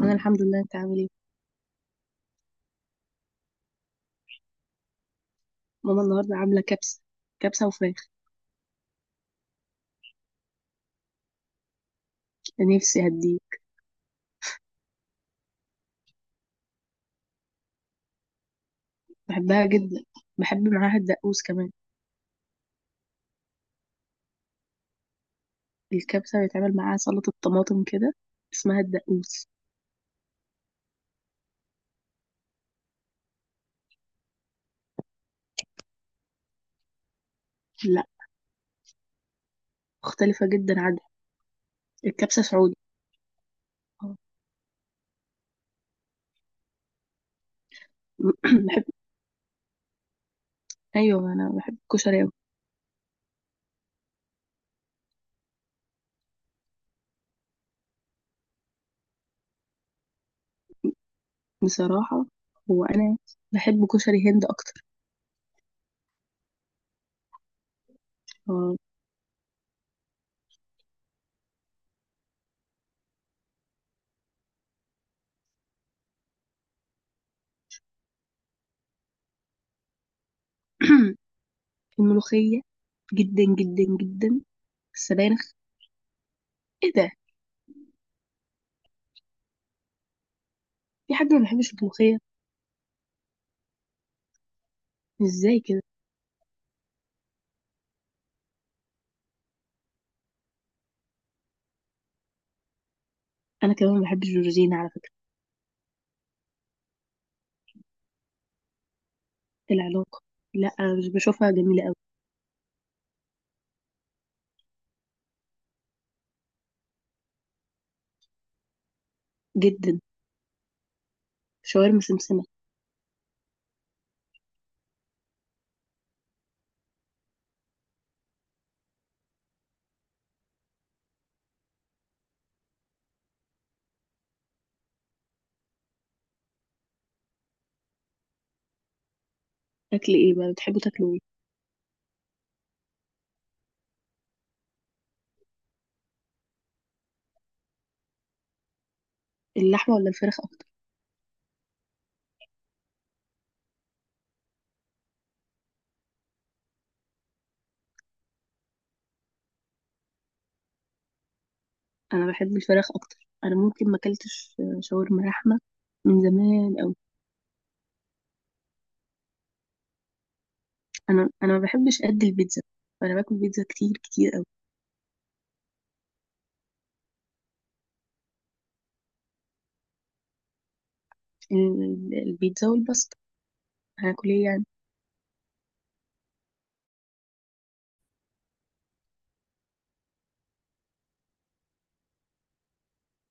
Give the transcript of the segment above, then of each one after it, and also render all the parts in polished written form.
انا الحمد لله، انت عامل ايه؟ ماما النهارده عامله كبسه. كبسه وفراخ. نفسي هديه. بحبها جدا. بحب معاها الدقوس كمان. الكبسه بيتعمل معاها سلطه طماطم كده، اسمها الدقوس. لا، مختلفه جدا عنها. الكبسه سعودي. آه. بحب ايوه انا بحب الكشري أوي. بصراحه. هو انا بحب كشري هند اكتر. آه. الملوخيه، جدا جدا جدا. السبانخ. ايه ده. في حد ما بيحبش الملوخيه؟ ازاي كده. انا كمان ما بحبش الجورجينا على فكره. العلاقة. لا، أنا مش بشوفها جميلة قوي. جدا. شاورما سمسمة. اكل ايه بقى، بتحبوا تاكلوا ايه؟ اللحمة ولا الفراخ اكتر؟ انا بحب الفراخ اكتر، انا ممكن ما اكلتش شاورما لحمة من زمان قوي. انا ما بحبش قد البيتزا. انا باكل بيتزا كتير كتير قوي. البيتزا والباستا. هاكل ايه يعني.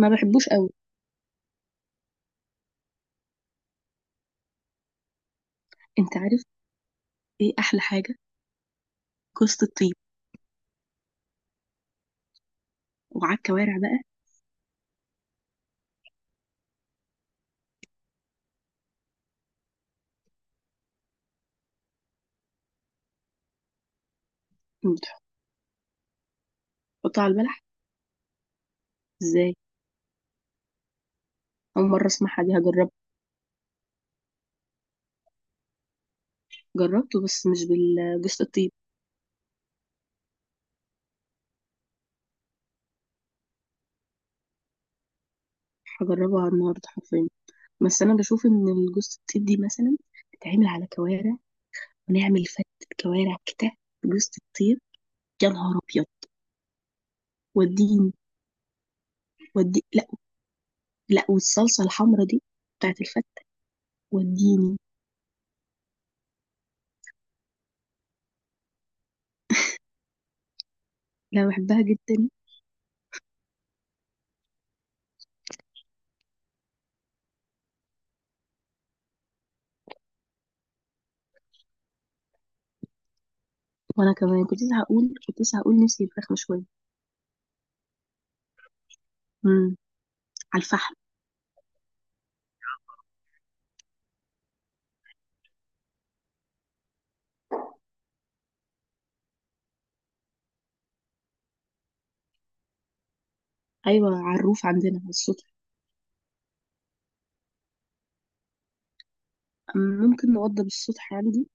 ما بحبوش قوي. انت عارف ايه احلى حاجة؟ كوسة الطيب. وعلى الكوارع بقى. إنك تحطها على البلح؟ ازاي. اول مرة اسمعها، دي هجربها. جربته بس مش بالجوز الطيب. هجربها النهارده حرفيا. بس انا بشوف ان الجوز الطيب دي مثلا تتعمل على كوارع، ونعمل فتة كوارع كده بجوز الطيب. يا نهار ابيض. وديني. ودي لا. لا، والصلصه الحمرا دي بتاعت الفته. وديني. لا، بحبها جدا. وانا كمان كنت لسه هقول نفسي الفراخ مشويه. امم. على الفحم. ايوه، على الروف عندنا، على السطح. ممكن نوضب السطح عندي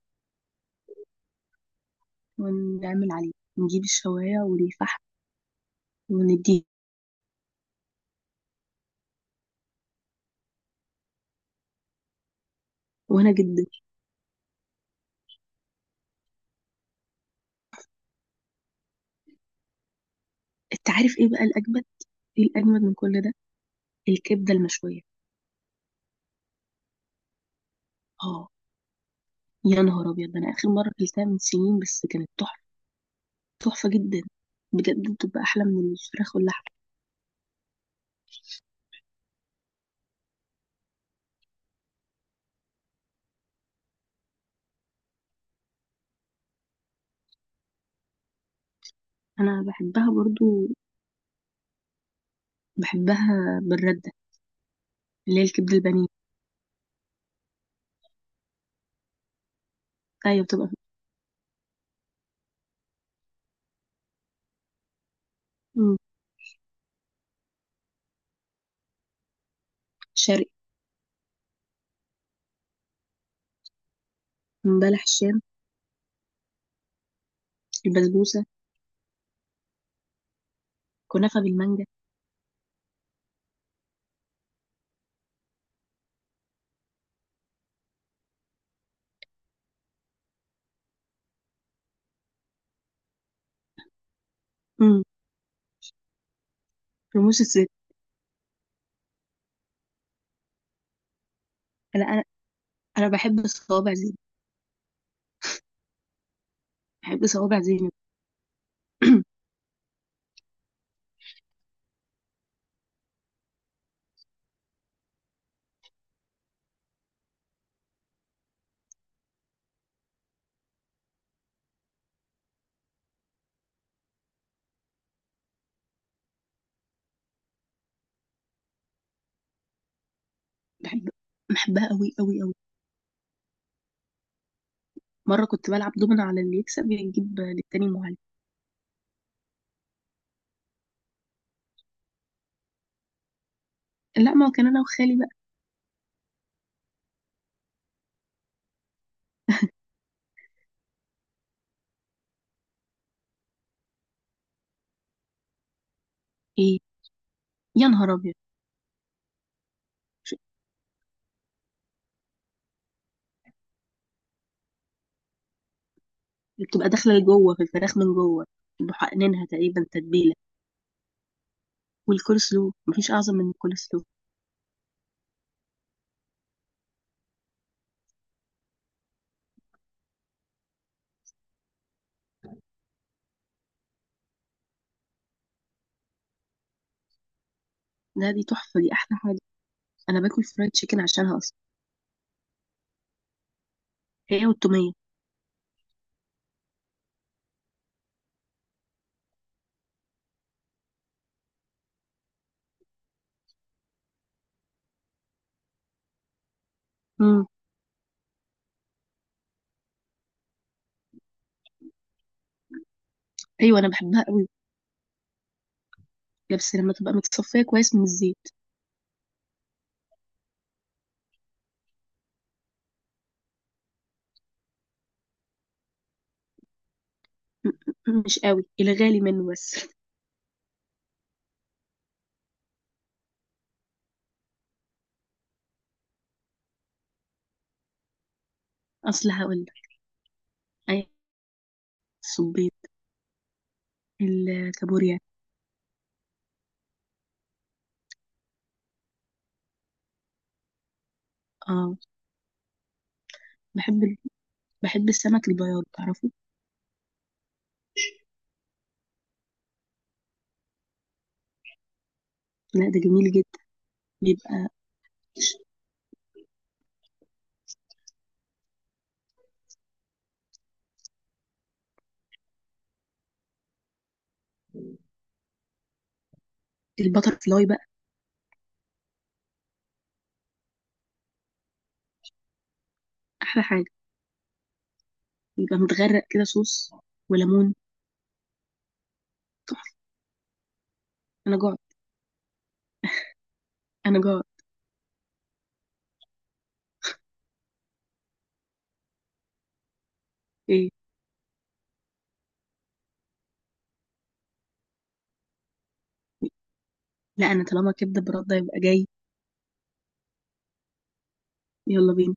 ونعمل عليه، نجيب الشوايه والفحم ونديه. وانا جدا. انت عارف ايه بقى الاجمل، ايه الاجمد من كل ده؟ الكبده المشويه. اه. يا نهار ابيض، ده انا اخر مره اكلتها من سنين بس كانت تحفه، تحفه جدا. بجد بتبقى احلى من الفراخ واللحم. انا بحبها برضو. بحبها بالرده، اللي هي الكبده البانيه. ايوه بتبقى. مم. شرقي. بلح الشام. البسبوسه. كنافه بالمانجا. مم. رموش الست. انا انا انا بحب صوابع زينب. بحب صوابع زينب. بحب. بحبها قوي قوي قوي. مره كنت بلعب دومنا على اللي يكسب يجيب للتاني معلم. لا، ما كان، انا وخالي بقى. ايه. يا نهار ابيض. ش- بتبقى داخله لجوه في الفراخ من جوه، محقنينها تقريبا تتبيله. والكول سلو، مفيش اعظم من الكول سلو. لا، دي تحفه، دي احلى حاجه. انا باكل فرايد تشيكن عشانها اصلا. هي والتوميه. امم. ايوه انا بحبها قوي. لا بس لما تبقى متصفيه كويس من الزيت. م- مش قوي الغالي منه بس. اصل هقول لك. اي. الصبيط. الكابوريا. اه. بحب ال- بحب السمك البياض، تعرفه؟ لا، ده جميل جدا. بيبقى. البتر فلاي بقى. احلى حاجه. بيبقى متغرق كده صوص وليمون، تحفة. انا جوعت. انا جوعت. ايه. لا، انا طالما كبده برده يبقى جاي. يلا بينا.